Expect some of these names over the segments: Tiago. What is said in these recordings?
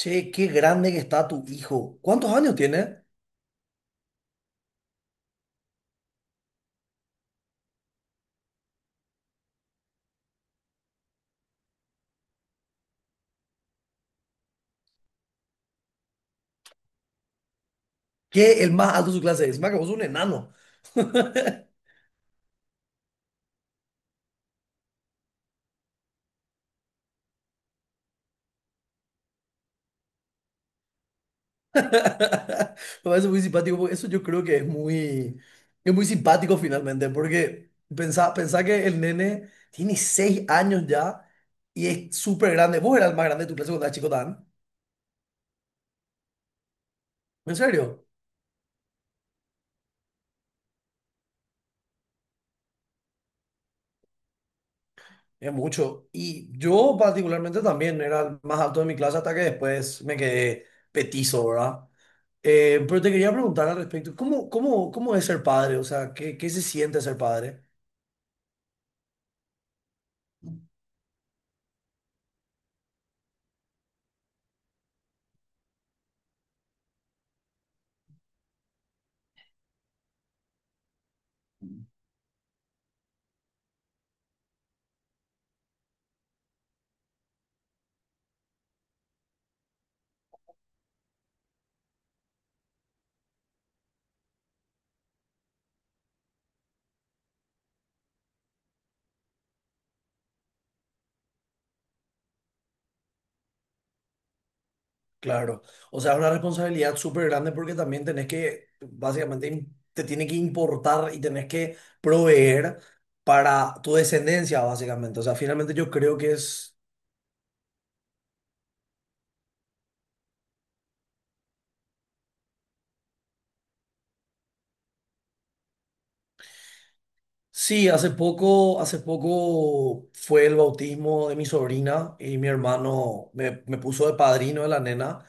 Che, qué grande que está tu hijo. ¿Cuántos años tiene? Que el más alto de su clase es. Encima que vos sos un enano. Me parece muy simpático, porque eso yo creo que es muy simpático finalmente, porque pensá que el nene tiene 6 años ya y es súper grande. Vos eras el más grande de tu clase cuando eras chico, tan. En serio, es mucho. Y yo particularmente también era el más alto de mi clase hasta que después me quedé petizo, ¿verdad? Pero te quería preguntar al respecto, ¿cómo es ser padre? O sea, ¿qué se siente ser padre? Claro, o sea, es una responsabilidad súper grande porque también tenés que, básicamente, te tiene que importar y tenés que proveer para tu descendencia, básicamente. O sea, finalmente yo creo que es... Sí, hace poco fue el bautismo de mi sobrina y mi hermano me puso de padrino de la nena.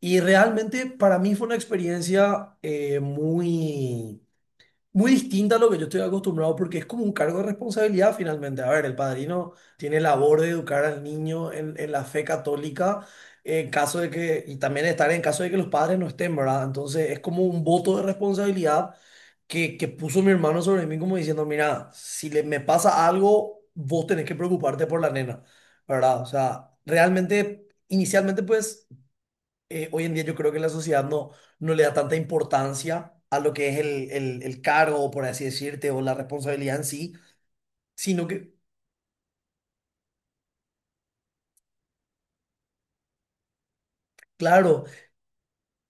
Y realmente para mí fue una experiencia muy muy distinta a lo que yo estoy acostumbrado porque es como un cargo de responsabilidad finalmente. A ver, el padrino tiene labor de educar al niño en la fe católica en caso de que, y también estar en caso de que los padres no estén, ¿verdad? Entonces es como un voto de responsabilidad que puso mi hermano sobre mí como diciendo, mira, si le, me pasa algo, vos tenés que preocuparte por la nena, ¿verdad? O sea, realmente, inicialmente pues hoy en día yo creo que la sociedad no le da tanta importancia a lo que es el cargo, por así decirte, o la responsabilidad en sí, sino que, claro,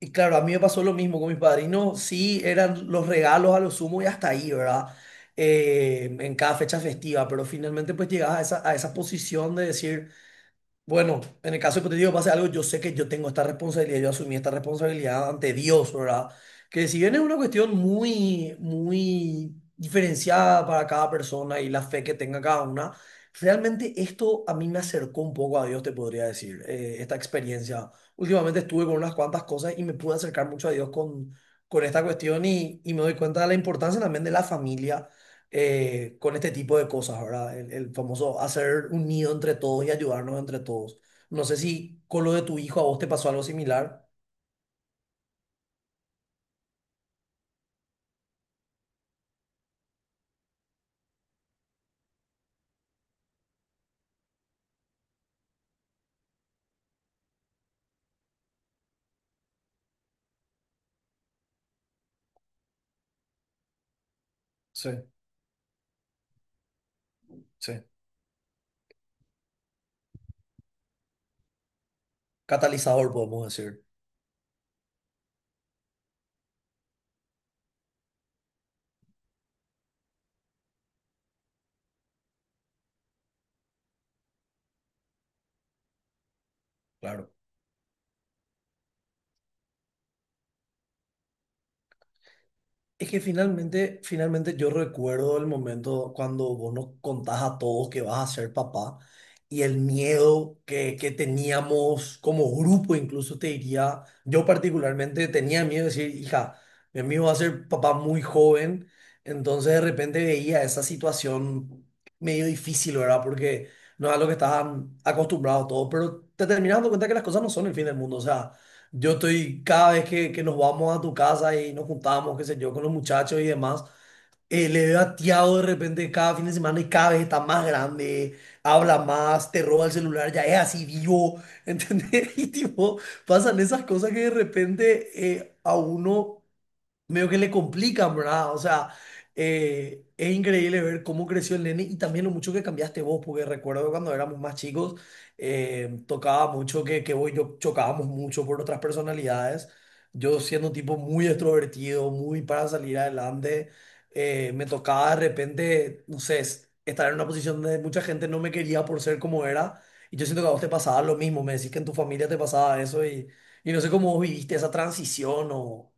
y claro, a mí me pasó lo mismo con mis padrinos, sí, eran los regalos a lo sumo y hasta ahí, ¿verdad? En cada fecha festiva, pero finalmente pues llegabas a a esa posición de decir... Bueno, en el caso hipotético pase algo, yo sé que yo tengo esta responsabilidad, yo asumí esta responsabilidad ante Dios, ¿verdad? Que si bien es una cuestión muy diferenciada para cada persona y la fe que tenga cada una, realmente esto a mí me acercó un poco a Dios, te podría decir, esta experiencia. Últimamente estuve con unas cuantas cosas y me pude acercar mucho a Dios con esta cuestión y me doy cuenta de la importancia también de la familia con este tipo de cosas, ¿verdad? El famoso hacer un nido entre todos y ayudarnos entre todos. No sé si con lo de tu hijo a vos te pasó algo similar. Sí, sí. Catalizador, podemos decir. Claro. Es que finalmente yo recuerdo el momento cuando vos nos contás a todos que vas a ser papá y el miedo que teníamos como grupo, incluso te diría, yo particularmente tenía miedo de decir, hija, mi amigo va a ser papá muy joven, entonces de repente veía esa situación medio difícil, ¿verdad? Porque no es a lo que estaban acostumbrados todos, pero te terminas dando cuenta que las cosas no son el fin del mundo, o sea... Yo estoy, cada vez que nos vamos a tu casa y nos juntamos, qué sé yo, con los muchachos y demás, le veo a Tiago de repente cada fin de semana y cada vez está más grande, habla más, te roba el celular, ya es así vivo, ¿entendés? Y tipo, pasan esas cosas que de repente a uno medio que le complican, ¿verdad? O sea, es increíble ver cómo creció el nene y también lo mucho que cambiaste vos, porque recuerdo cuando éramos más chicos, tocaba mucho que vos y yo chocábamos mucho por otras personalidades. Yo siendo un tipo muy extrovertido, muy para salir adelante, me tocaba de repente, no sé, estar en una posición donde mucha gente no me quería por ser como era. Y yo siento que a vos te pasaba lo mismo, me decís que en tu familia te pasaba eso y no sé cómo vos viviste esa transición o...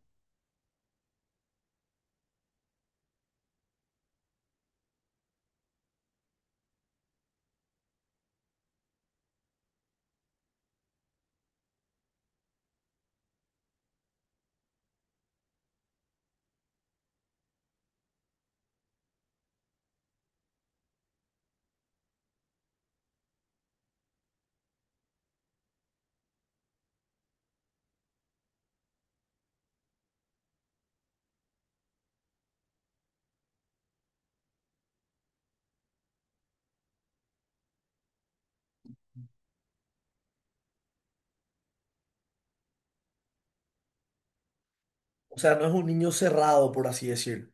O sea, no es un niño cerrado, por así decir.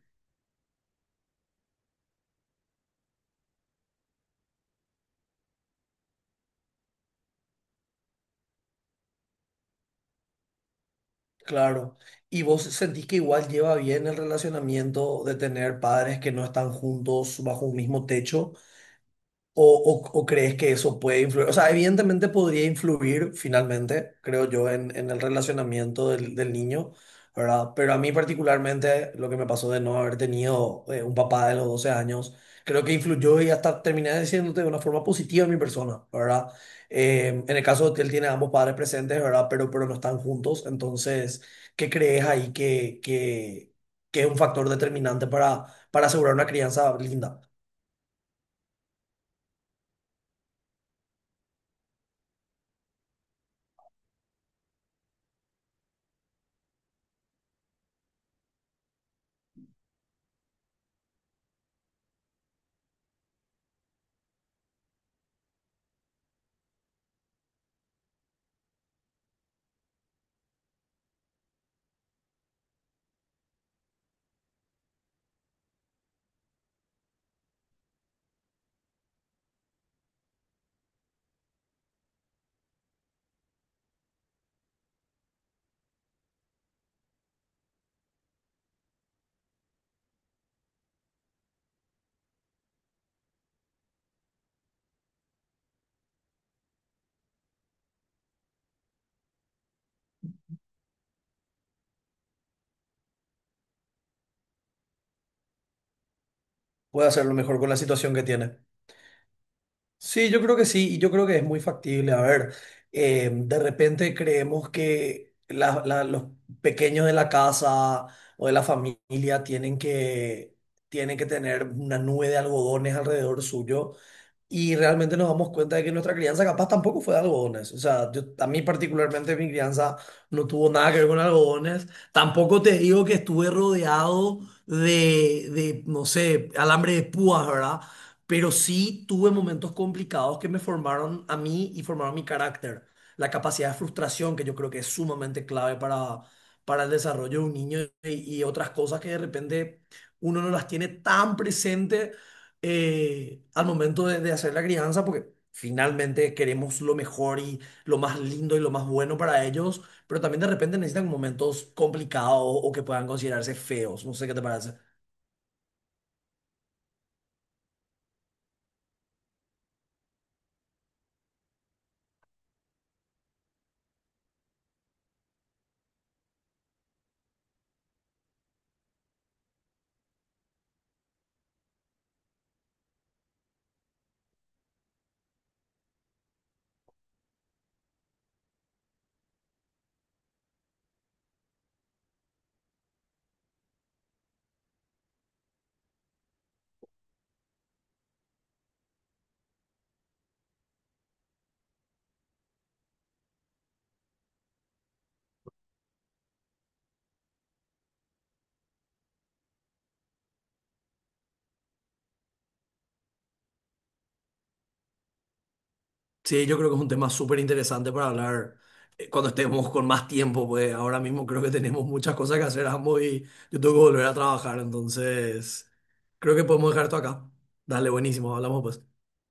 Claro. Y vos sentís que igual lleva bien el relacionamiento de tener padres que no están juntos bajo un mismo techo, O, o crees que eso puede influir? O sea, evidentemente podría influir finalmente, creo yo, en el relacionamiento del niño, ¿verdad? Pero a mí particularmente lo que me pasó de no haber tenido un papá de los 12 años, creo que influyó y hasta terminé diciéndote de una forma positiva en mi persona, ¿verdad? En el caso de que él tiene a ambos padres presentes, ¿verdad? Pero no están juntos, entonces, ¿qué crees ahí que es un factor determinante para asegurar una crianza linda? Puede hacerlo mejor con la situación que tiene. Sí, yo creo que sí, y yo creo que es muy factible. A ver, de repente creemos que los pequeños de la casa o de la familia tienen tienen que tener una nube de algodones alrededor suyo. Y realmente nos damos cuenta de que nuestra crianza capaz tampoco fue de algodones. O sea, yo, a mí particularmente mi crianza no tuvo nada que ver con algodones. Tampoco te digo que estuve rodeado de no sé, alambre de púas, ¿verdad? Pero sí tuve momentos complicados que me formaron a mí y formaron mi carácter. La capacidad de frustración, que yo creo que es sumamente clave para el desarrollo de un niño y otras cosas que de repente uno no las tiene tan presente al momento de hacer la crianza, porque finalmente queremos lo mejor y lo más lindo y lo más bueno para ellos, pero también de repente necesitan momentos complicados o que puedan considerarse feos. No sé qué te parece. Sí, yo creo que es un tema súper interesante para hablar cuando estemos con más tiempo, pues ahora mismo creo que tenemos muchas cosas que hacer ambos y yo tengo que volver a trabajar, entonces creo que podemos dejar esto acá. Dale, buenísimo, hablamos pues.